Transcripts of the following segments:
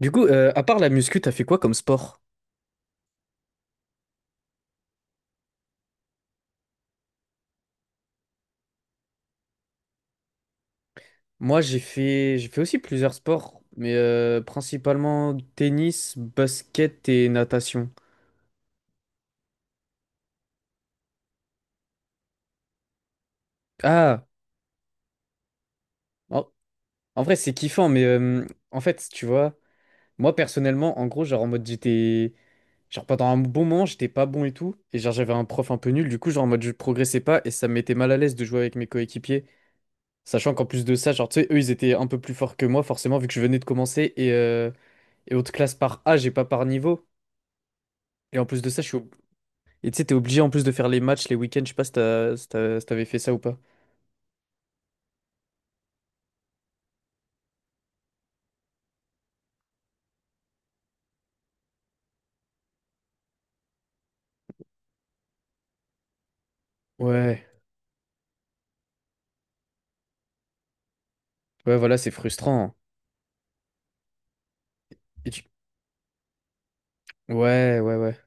Du coup, à part la muscu, t'as fait quoi comme sport? Moi, j'ai fait aussi plusieurs sports, mais principalement tennis, basket et natation. Ah, en, en vrai, c'est kiffant, mais en fait, tu vois, moi personnellement, en gros, genre en mode j'étais, genre pendant un bon moment, j'étais pas bon et tout, et genre j'avais un prof un peu nul, du coup, genre en mode je progressais pas et ça me mettait mal à l'aise de jouer avec mes coéquipiers, sachant qu'en plus de ça, genre tu sais, eux, ils étaient un peu plus forts que moi, forcément, vu que je venais de commencer et haute classe par âge et pas par niveau. Et en plus de ça, je suis. Et tu sais, t'es obligé en plus de faire les matchs, les week-ends. Je sais pas si t'avais fait ça ou pas. Ouais, ouais, voilà, c'est frustrant, hein. Et tu- Ouais, ouais, ouais.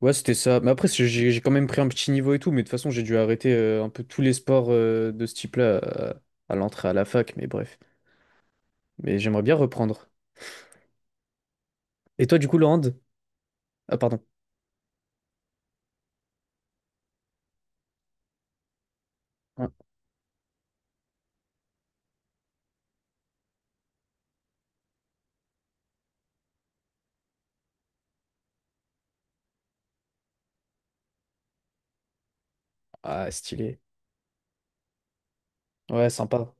Ouais, c'était ça. Mais après, j'ai quand même pris un petit niveau et tout. Mais de toute façon, j'ai dû arrêter un peu tous les sports de ce type-là. À l'entrée à la fac. Mais bref. Mais j'aimerais bien reprendre. Et toi, du coup, le hand? Ah, pardon. Ah, ah, stylé. Ouais, sympa.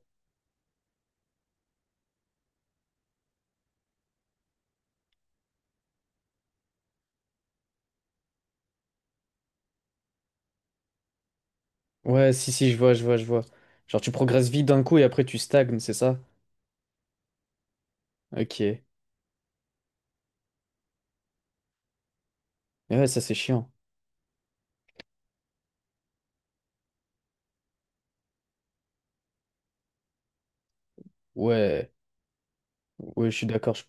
Ouais, si, si, je vois, je vois, je vois. Genre, tu progresses vite d'un coup et après, tu stagnes, c'est ça? Ok. Ouais, ça, c'est chiant. Ouais. Ouais, je suis d'accord.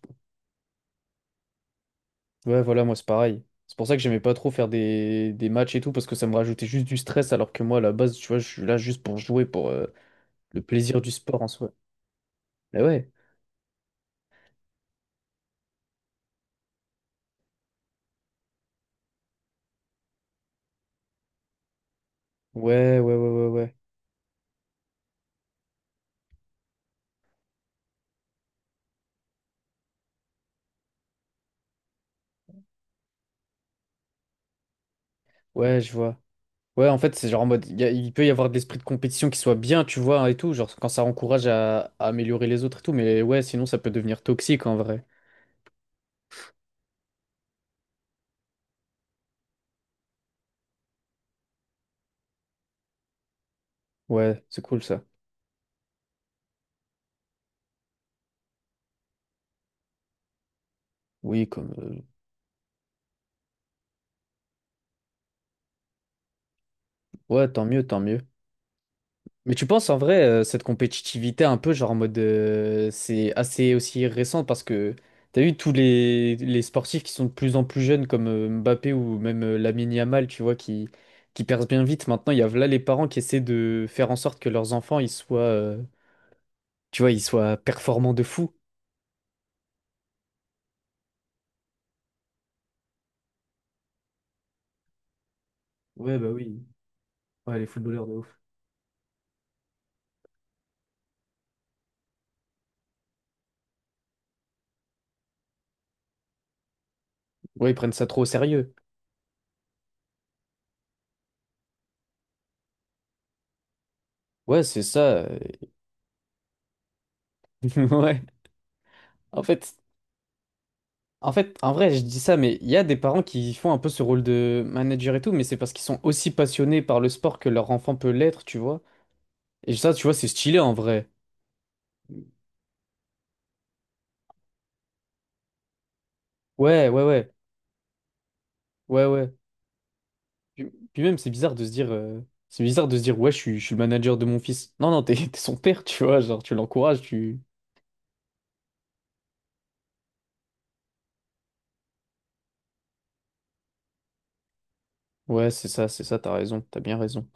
Ouais, voilà, moi c'est pareil. C'est pour ça que j'aimais pas trop faire des matchs et tout, parce que ça me rajoutait juste du stress, alors que moi, à la base, tu vois, je suis là juste pour jouer, pour le plaisir du sport en soi. Bah ouais. Ouais, ouais, ouais, ouais, ouais. Ouais, je vois. Ouais, en fait, c'est genre en mode, il peut y avoir de l'esprit de compétition qui soit bien, tu vois, hein, et tout, genre quand ça encourage à améliorer les autres et tout, mais ouais, sinon ça peut devenir toxique en vrai. Ouais, c'est cool ça. Oui, comme... Ouais, tant mieux, tant mieux. Mais tu penses en vrai, cette compétitivité un peu, genre en mode, c'est assez aussi récent parce que t'as vu tous les sportifs qui sont de plus en plus jeunes comme Mbappé ou même Lamine Yamal, tu vois, qui percent bien vite. Maintenant, il y a là les parents qui essaient de faire en sorte que leurs enfants, ils soient, tu vois, ils soient performants de fou. Ouais, bah oui. Ouais, les footballeurs de ouf. Ouais, ils prennent ça trop au sérieux. Ouais, c'est ça. Ouais. En fait, En fait, en vrai, je dis ça, mais il y a des parents qui font un peu ce rôle de manager et tout, mais c'est parce qu'ils sont aussi passionnés par le sport que leur enfant peut l'être, tu vois. Et ça, tu vois, c'est stylé en vrai. Ouais, ouais, ouais, ouais, ouais. Puis même, c'est bizarre de se dire, c'est bizarre de se dire, ouais, je suis le manager de mon fils. Non, non, t'es, t'es son père, tu vois, genre, tu l'encourages, tu. Ouais, c'est ça, t'as raison, t'as bien raison.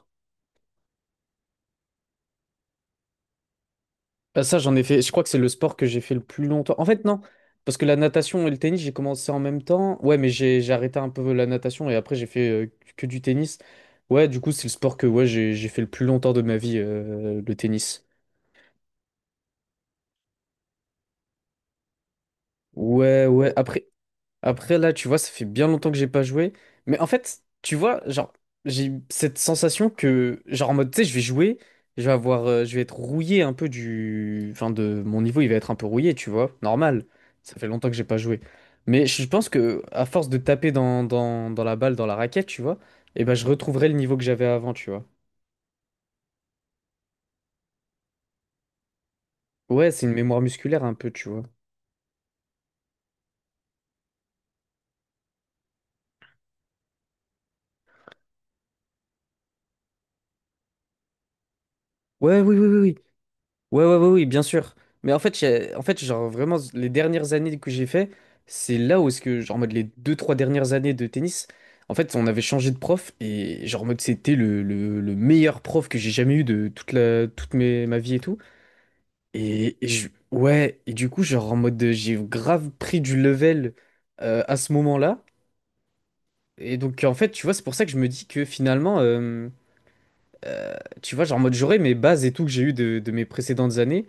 Bah ça, j'en ai fait. Je crois que c'est le sport que j'ai fait le plus longtemps. En fait, non, parce que la natation et le tennis, j'ai commencé en même temps. Ouais, mais j'ai arrêté un peu la natation et après j'ai fait que du tennis. Ouais, du coup, c'est le sport que ouais, j'ai fait le plus longtemps de ma vie, le tennis. Ouais, ouais. Après, là, tu vois, ça fait bien longtemps que j'ai pas joué. Mais en fait, tu vois, genre, j'ai cette sensation que, genre, en mode, tu sais, je vais jouer, je vais avoir, je vais être rouillé un peu du. Enfin, de mon niveau, il va être un peu rouillé, tu vois, normal. Ça fait longtemps que j'ai pas joué. Mais je pense que, à force de taper dans la balle, dans la raquette, tu vois, eh ben, je retrouverai le niveau que j'avais avant, tu vois. Ouais, c'est une mémoire musculaire un peu, tu vois. Ouais, oui, oui, oui, ouais, ouais, ouais, oui, bien sûr. Mais en fait, en fait, genre vraiment, les dernières années que j'ai fait, c'est là où est-ce que, genre, en mode les deux, trois dernières années de tennis, en fait, on avait changé de prof et, genre, en mode, c'était le meilleur prof que j'ai jamais eu de toute toute ma vie et tout. Et, ouais, et du coup, genre, en mode, j'ai grave pris du level à ce moment-là. Et donc, en fait, tu vois, c'est pour ça que je me dis que finalement, tu vois, genre, en mode, j'aurais mes bases et tout que j'ai eu de mes précédentes années.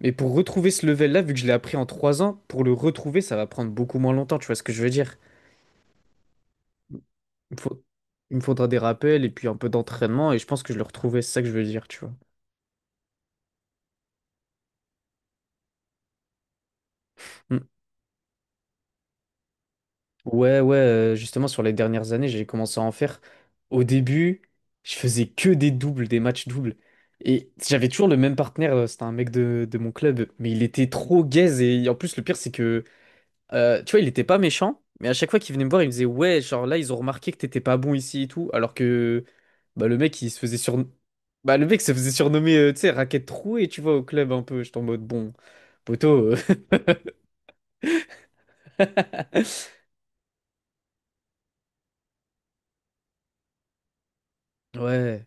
Mais pour retrouver ce level-là, vu que je l'ai appris en 3 ans, pour le retrouver, ça va prendre beaucoup moins longtemps, tu vois ce que je veux dire? Il me faut- il me faudra des rappels et puis un peu d'entraînement et je pense que je le retrouverai, c'est ça que je veux dire, tu vois. Mm. Ouais, ouais, justement, sur les dernières années, j'ai commencé à en faire. Au début, je faisais que des doubles, des matchs doubles. Et j'avais toujours le même partenaire, c'était un mec de mon club, mais il était trop gaze et en plus, le pire, c'est que euh, tu vois, il était pas méchant, mais à chaque fois qu'il venait me voir, il me disait, ouais, genre là, ils ont remarqué que t'étais pas bon ici et tout, alors que bah, le mec, il se faisait sur... Bah, le mec se faisait surnommer, tu sais, raquette trouée, tu vois, au club un peu. J'étais en mode, bon, poteau. Ouais.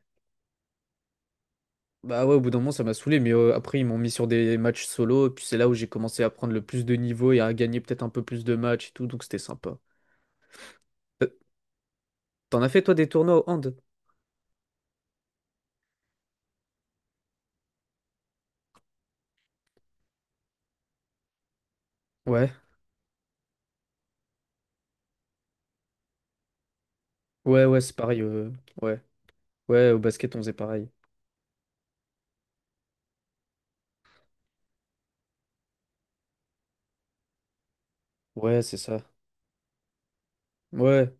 Bah ouais, au bout d'un moment, ça m'a saoulé, mais après, ils m'ont mis sur des matchs solo, et puis c'est là où j'ai commencé à prendre le plus de niveau et à gagner peut-être un peu plus de matchs et tout, donc c'était sympa. Euh, T'en as fait, toi, des tournois au hand? Ouais, ouais, ouais, c'est pareil. Ouais, ouais, au basket, on faisait pareil. Ouais, c'est ça. Ouais.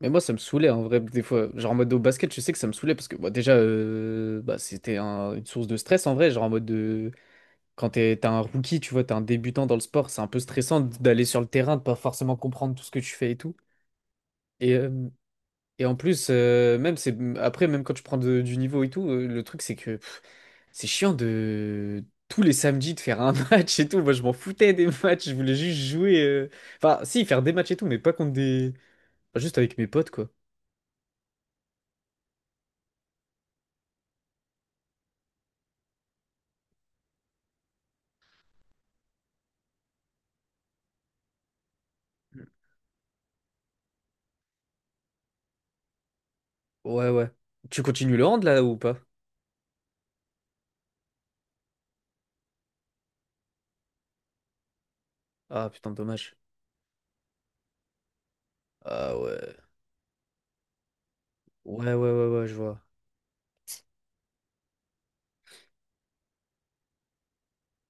Mais moi, ça me saoulait en vrai, des fois. Genre en mode au basket, je sais que ça me saoulait parce que bah, déjà, bah, c'était une source de stress en vrai. Genre en mode de. Quand t'es, t'as un rookie, tu vois, t'es un débutant dans le sport, c'est un peu stressant d'aller sur le terrain, de pas forcément comprendre tout ce que tu fais et tout. Et, euh, et en plus, même c'est après, même quand tu prends du niveau et tout, le truc c'est que pff, c'est chiant de tous les samedis de faire un match et tout. Moi, je m'en foutais des matchs, je voulais juste jouer. Enfin, si, faire des matchs et tout, mais pas contre des. Enfin, juste avec mes potes, quoi. Ouais, ouais. Tu continues le hand là ou pas? Ah putain, dommage. Ah ouais. Ouais, ouais, ouais, ouais, je vois.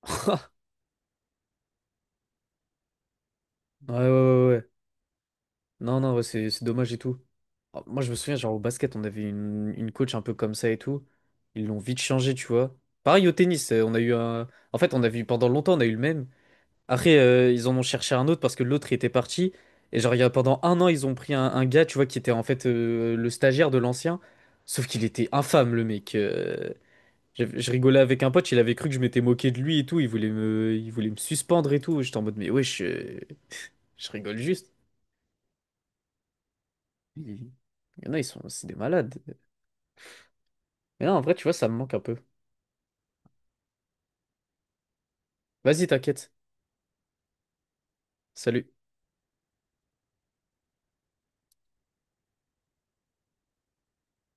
Ouais, ouais, ouais, ouais. Non, non, ouais, c'est dommage et tout. Ah, moi, je me souviens, genre au basket, on avait une coach un peu comme ça et tout. Ils l'ont vite changé, tu vois. Pareil au tennis, on a eu un. En fait, on a vu pendant longtemps, on a eu le même. Après, ils en ont cherché un autre parce que l'autre il était parti. Et genre, il y a, pendant un an, ils ont pris un gars, tu vois, qui était en fait le stagiaire de l'ancien. Sauf qu'il était infâme, le mec. Je rigolais avec un pote, il avait cru que je m'étais moqué de lui et tout, il voulait me suspendre et tout. J'étais en mode, mais ouais, je rigole juste. Il y en a, c'est des malades. Mais non, en vrai, tu vois, ça me manque un peu. Vas-y, t'inquiète. Salut.